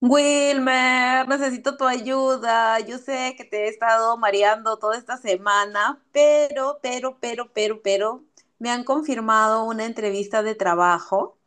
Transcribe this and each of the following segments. Wilmer, necesito tu ayuda. Yo sé que te he estado mareando toda esta semana, pero me han confirmado una entrevista de trabajo.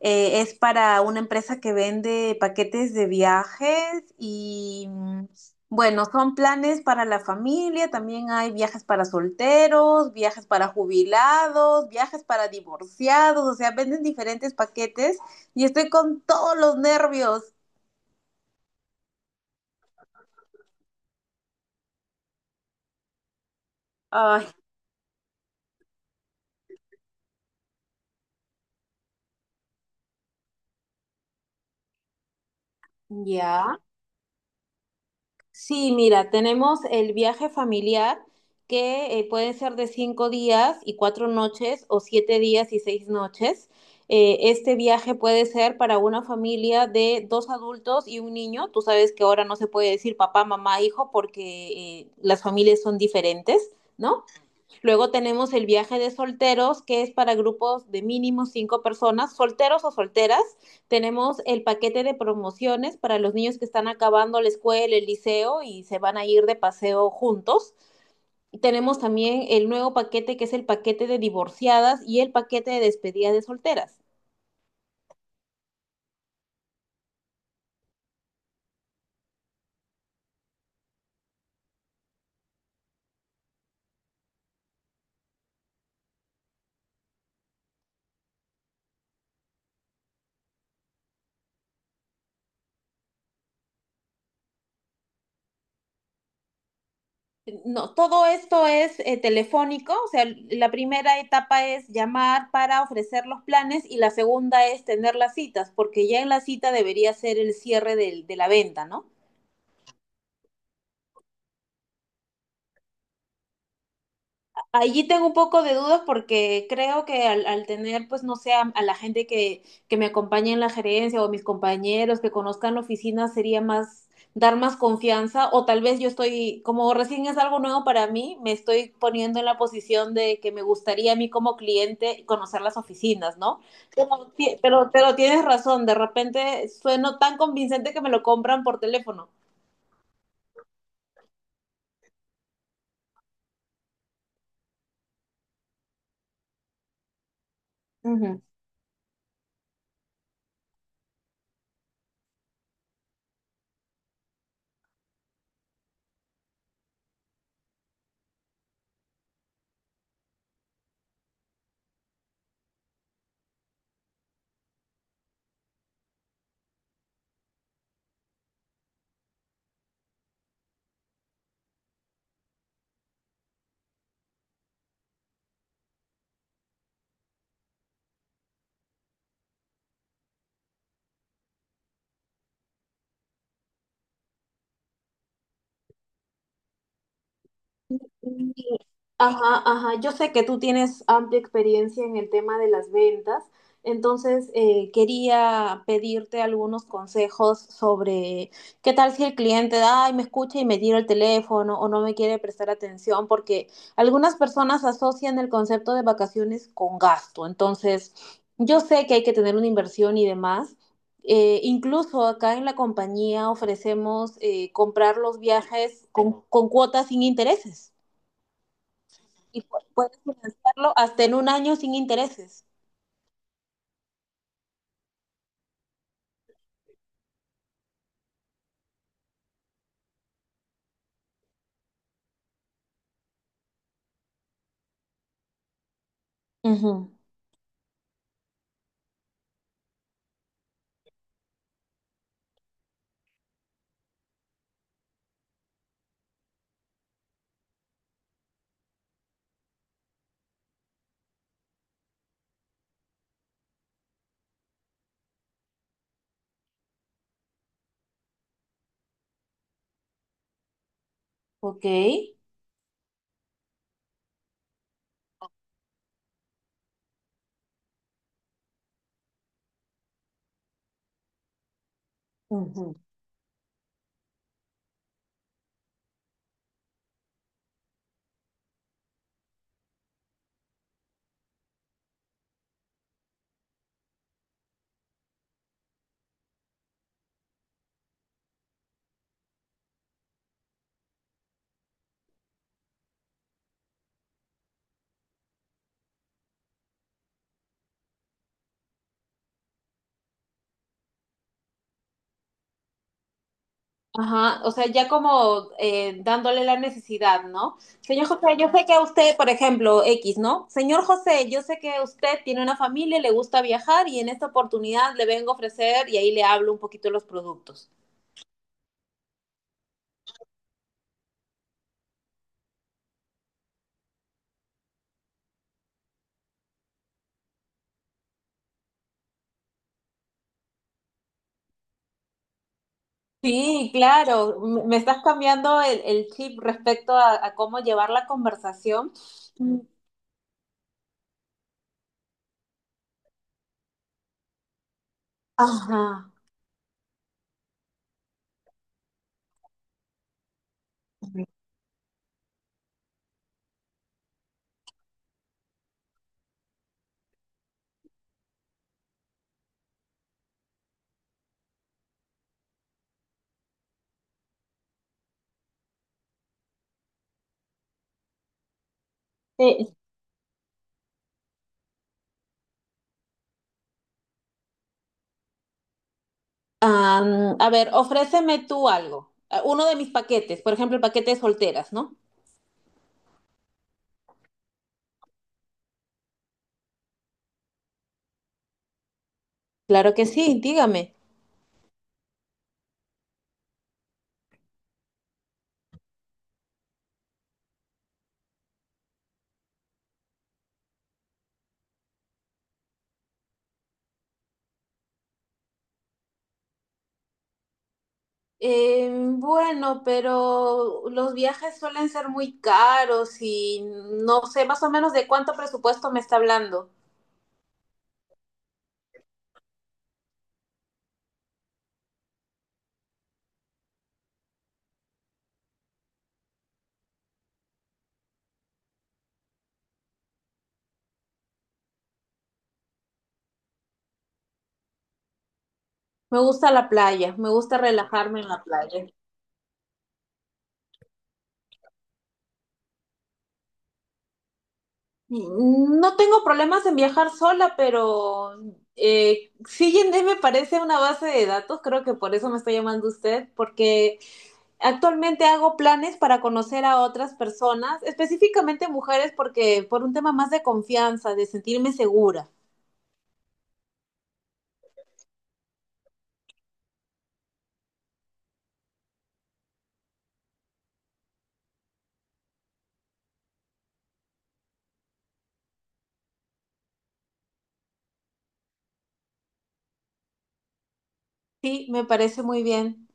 Es para una empresa que vende paquetes de viajes y, bueno, son planes para la familia, también hay viajes para solteros, viajes para jubilados, viajes para divorciados, o sea, venden diferentes paquetes y estoy con todos los nervios. Ay, ya, sí, mira, tenemos el viaje familiar que puede ser de cinco días y cuatro noches o siete días y seis noches. Este viaje puede ser para una familia de dos adultos y un niño. Tú sabes que ahora no se puede decir papá, mamá, hijo porque las familias son diferentes, ¿no? Luego tenemos el viaje de solteros, que es para grupos de mínimo cinco personas, solteros o solteras. Tenemos el paquete de promociones para los niños que están acabando la escuela, el liceo y se van a ir de paseo juntos. Y tenemos también el nuevo paquete, que es el paquete de divorciadas y el paquete de despedida de solteras. No, todo esto es telefónico, o sea, la primera etapa es llamar para ofrecer los planes y la segunda es tener las citas, porque ya en la cita debería ser el cierre de la venta, ¿no? Allí tengo un poco de dudas porque creo que al tener, pues no sé, a la gente que me acompañe en la gerencia o mis compañeros que conozcan la oficina sería más, dar más confianza o tal vez yo estoy, como recién es algo nuevo para mí, me estoy poniendo en la posición de que me gustaría a mí como cliente conocer las oficinas, ¿no? Pero tienes razón, de repente sueno tan convincente que me lo compran por teléfono. Ujú. Ajá, ajá. Yo sé que tú tienes amplia experiencia en el tema de las ventas, entonces quería pedirte algunos consejos sobre qué tal si el cliente, ay, me escucha y me tira el teléfono o no me quiere prestar atención, porque algunas personas asocian el concepto de vacaciones con gasto. Entonces, yo sé que hay que tener una inversión y demás. Incluso acá en la compañía ofrecemos comprar los viajes con cuotas sin intereses y puedes financiarlo hasta en un año sin intereses. Ujú. Ok. Ujú. Ajá, o sea, ya como dándole la necesidad, ¿no? Señor José, yo sé que a usted, por ejemplo, X, ¿no? Señor José, yo sé que usted tiene una familia, le gusta viajar y en esta oportunidad le vengo a ofrecer y ahí le hablo un poquito de los productos. Sí, claro, me estás cambiando el chip respecto a cómo llevar la conversación. Mm. Ajá. Sí, a ver, ofréceme tú algo. Uno de mis paquetes, por ejemplo, el paquete de solteras, ¿no? Claro que sí, dígame. Bueno, pero los viajes suelen ser muy caros y no sé más o menos de cuánto presupuesto me está hablando. Me gusta la playa, me gusta relajarme en la playa. Mm, no tengo problemas en viajar sola, pero sí, Yandé me parece una base de datos, creo que por eso me está llamando usted, porque actualmente hago planes para conocer a otras personas, específicamente mujeres, porque por un tema más de confianza, de sentirme segura. Sí, me parece muy bien.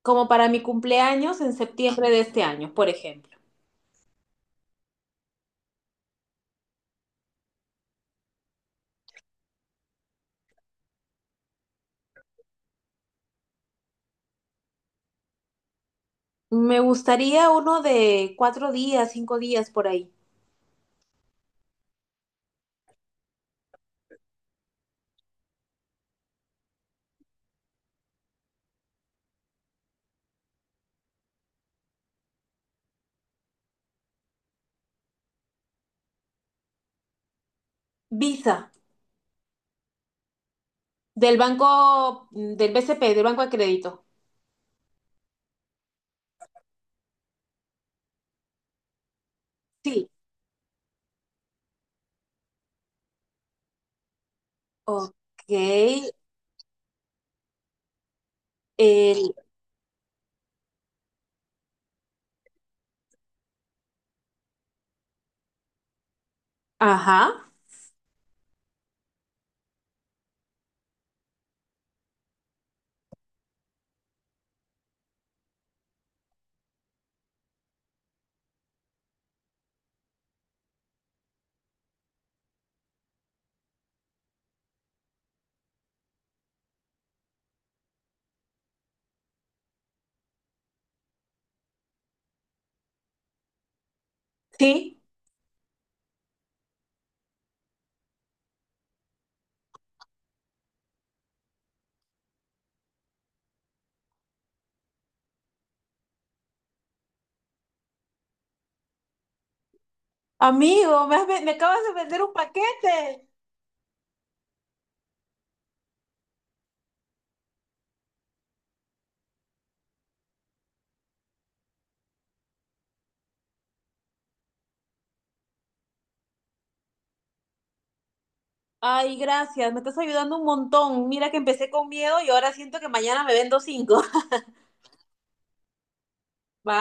Como para mi cumpleaños en septiembre de este año, por ejemplo. Me gustaría uno de cuatro días, cinco días por ahí. Visa, del banco, del BCP, del Banco de Crédito. Sí, ok. El, ajá, sí. Amigo, me, me acabas de vender un paquete. Ay, gracias, me estás ayudando un montón. Mira que empecé con miedo y ahora siento que mañana me vendo cinco. Bye.